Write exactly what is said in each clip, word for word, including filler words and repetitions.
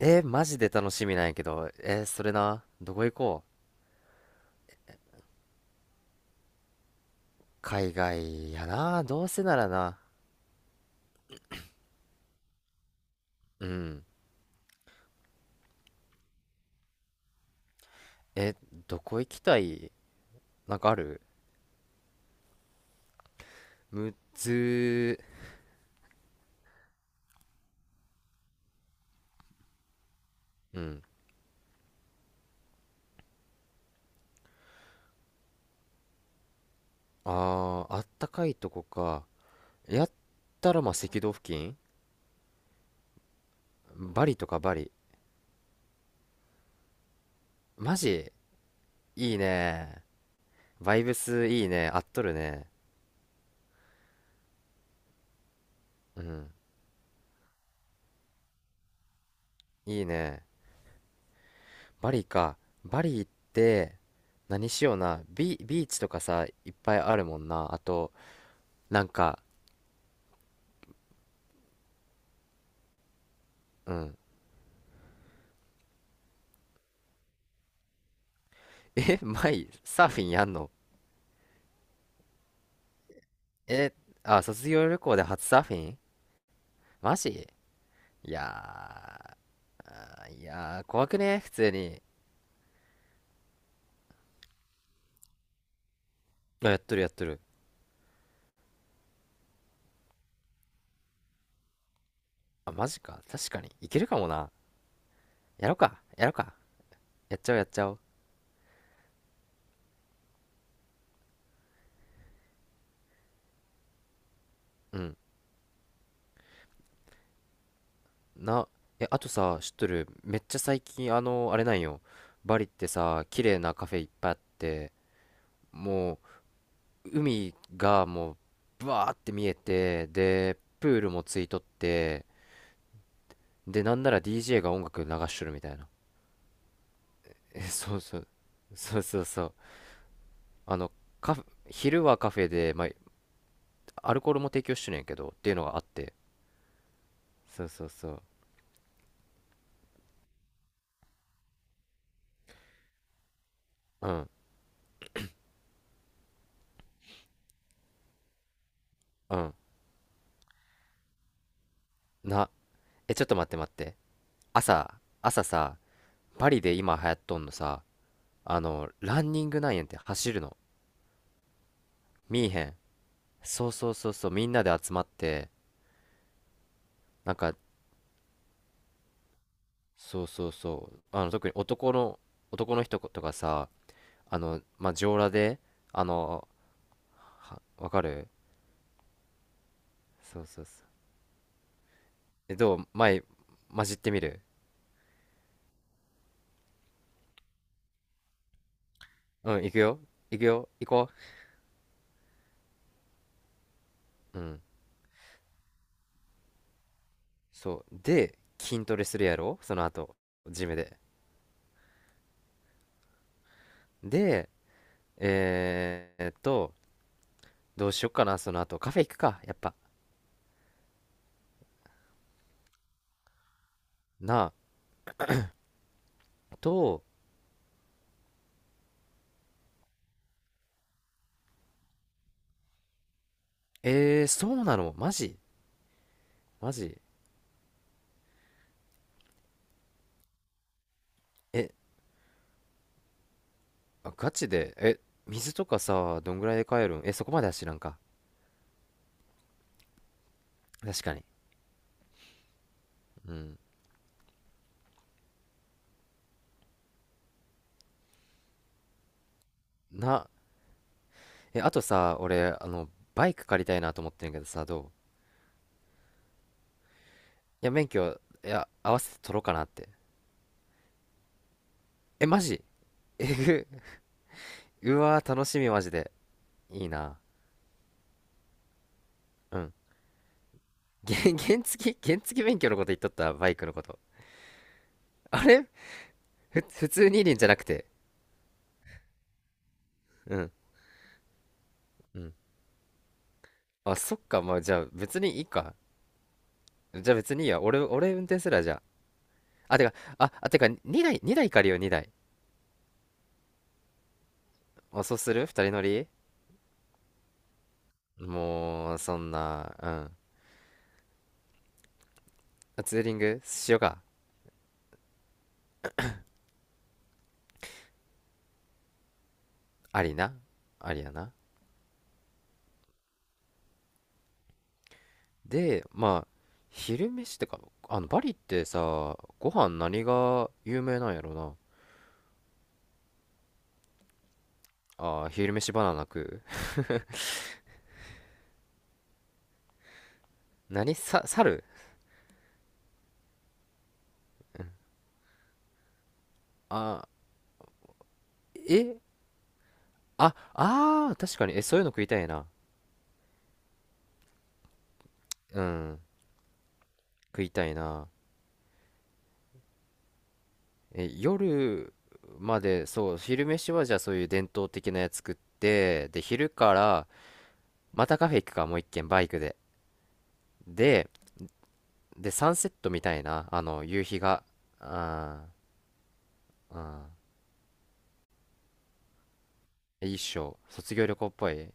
えー、マジで楽しみなんやけど、えー、それな、どこ行こう？海外やな、どうせならな。うん。え、どこ行きたい？なんかある？むずー。うん。あー、あったかいとこか。やったらまあ赤道付近、バリとかバリ。マジ、いいね。バイブスいいね。合っとるね。うん。いいね。バリか。バリ行って、何しような。ビ、ビーチとかさ、いっぱいあるもんな。あと、なんか、うん。え、舞、サーフィンやんの？え、あ、卒業旅行で初サーフィン？マジ？いやー、いやー、怖くね普通に。あ、やっとるやっとる。あ、マジか。確かに。いけるかもな。やろうか。やろうか。やっちゃおうやっちゃおう。うん。な、え、あとさ、知っとる？めっちゃ最近、あの、あれなんよ。バリってさ、綺麗なカフェいっぱいあって、もう、海がもう、ブワーって見えて、で、プールもついとって、で、なんなら ディージェー が音楽流しとるみたいな。え、そうそう。そうそうそう。あの、カフ、昼はカフェで、まあ、アルコールも提供してるんやけど、っていうのがあって。そうそうそう。うん、うん。な、え、ちょっと待って待って。朝、朝さ、パリで今流行っとんのさ、あの、ランニングなんやんって走るの。見えへん。そうそうそうそう、みんなで集まって、なんか、そうそうそう、あの、特に男の、男の人とかさ、あの、まあ、上裸で、あの、は、わかる？そうそうそう。え、どう前、混じってみる？うん、行くよ。行くよ。行こう。うん。そう。で、筋トレするやろその後、ジムで。で、えーっと、どうしよっかな、その後。カフェ行くか、やっぱ。なあ。と、えー、そうなのマジ？マジ？え、あガチで？え、水とかさ、どんぐらいで帰るん？え、そこまでは知らんか。確かに。うん。な、え、あとさ、俺、あの、バイク借りたいなと思ってんけどさ、どう？や、免許、いや、合わせて取ろうかなって。え、マジ？えぐ、うわー、楽しみ、マジで。いいな。うん。げ、原付、原付免許のこと言っとった、バイクのこと。あれ？ふ、普通二輪じゃなくて。うん、うん。あ、そっか、まあ、じゃあ、別にいいか。じゃあ別にいいや。俺、俺運転すらじゃあ。あ、てか、あ、あ、てか、にだい、にだい借りよう、にだい。あ、そうする？ に 人乗り？もう、そんな、うん。あ、ツーリングしようか。ありな。ありやな。でまあ昼飯ってか、あのバリってさ、ご飯何が有名なんやろな。あー、昼飯バナナ食う？ 何さ、猿？あー、え、ああー、確かに。え、そういうの食いたいな。うん、食いたいな。え、夜まで？そう、昼飯はじゃあそういう伝統的なやつ食って、で、昼からまたカフェ行くか、もういっけん、バイクで。ででサンセットみたいな、あの夕日が。あー、うん、一生、卒業旅行っぽい。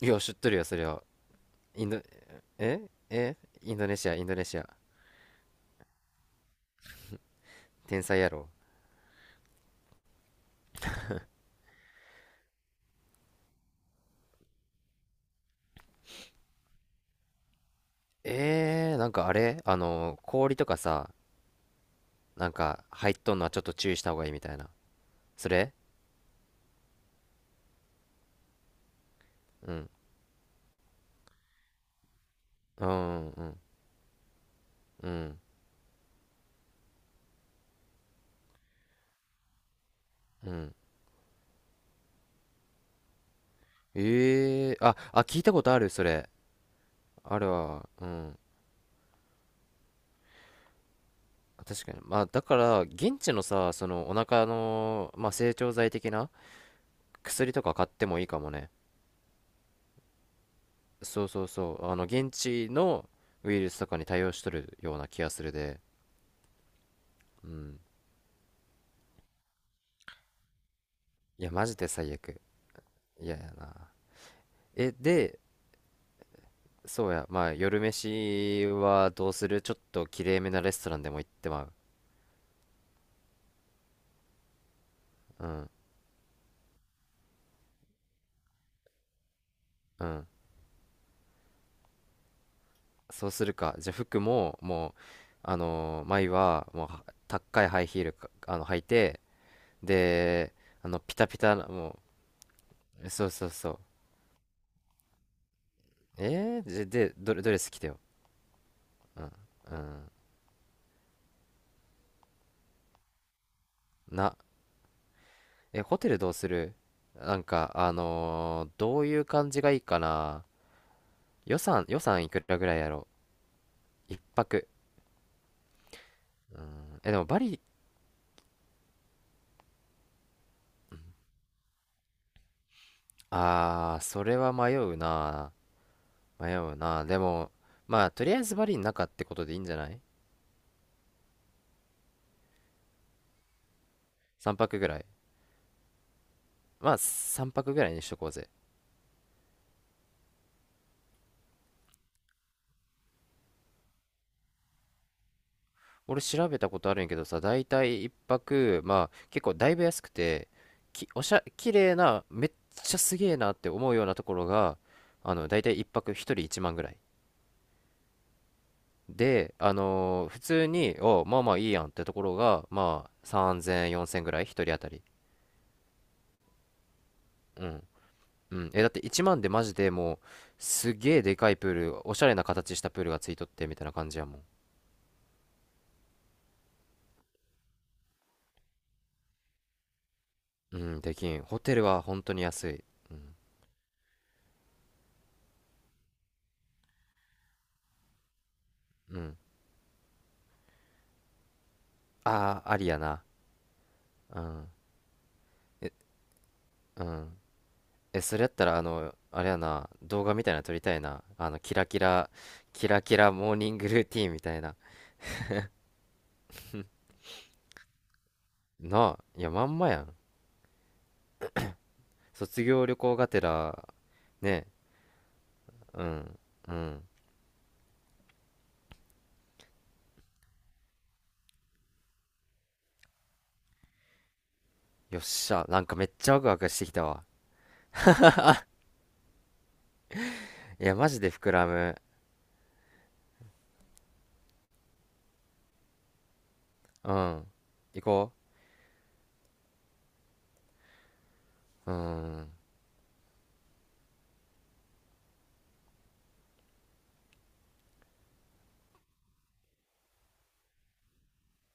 いや、知っとるよ、それは。インド、ええインドネシア、インドネシア。天才やろ。えー、なんかあれ、あの、氷とかさ、なんか入っとんのはちょっと注意した方がいいみたいな。それ？うん。うん、うん、うん、うん、ええー、ああ、聞いたことある、それ。あるわ、うん。確かに。まあだから現地のさ、そのお腹の、まあ、成長剤的な薬とか買ってもいいかもね。そうそうそう、あの、現地のウイルスとかに対応しとるような気がするで。うん。いや、マジで最悪。嫌やな。え、で、そうや、まあ、夜飯はどうする？ちょっときれいめなレストランでも行ってまう。うん、うん。そうするか。じゃあ、服も、もう、あのー、前は、もう、は高いハイヒールか、あの、履いて、で、あの、ピタピタな、もう、そうそうそう。えー、じゃで、ドレ、ドレス着てよ。うん、うん。な、え、ホテルどうする？なんか、あのーどういう感じがいいかな？予算、予算いくらぐらいやろう一泊。え、でもバリ、あー、それは迷うな。迷うな。でも、まあ、とりあえずバリの中ってことでいいんじゃない？三泊ぐらい。まあ、三泊ぐらいにしとこうぜ。俺調べたことあるんやけどさ、だいたい一泊、まあ、結構だいぶ安くて、き、おしゃ、綺麗な、めっちゃすげえなって思うようなところが、あの、だいたいいっぱくひとりいちまんぐらい。で、あのー普通に、お、まあまあいいやんってところが、まあさんぜん、よんせんぐらい、ひとり当たり。うん。うん。え、だっていちまんでマジでもう、すげえでかいプール、おしゃれな形したプールがついとってみたいな感じやもん。うん、できん。ホテルは本当に安い。うん。うん。ああ、ありやな。うん。うん。え、それやったら、あの、あれやな、動画みたいなの撮りたいな。あの、キラキラ、キラキラモーニングルーティンみたいな。なあ、いや、まんまやん。卒業旅行がてら。ね、うん。うん。よっしゃ。なんかめっちゃワクワクしてきたわ。いや、マジで膨らむ。うん。行こう。うん。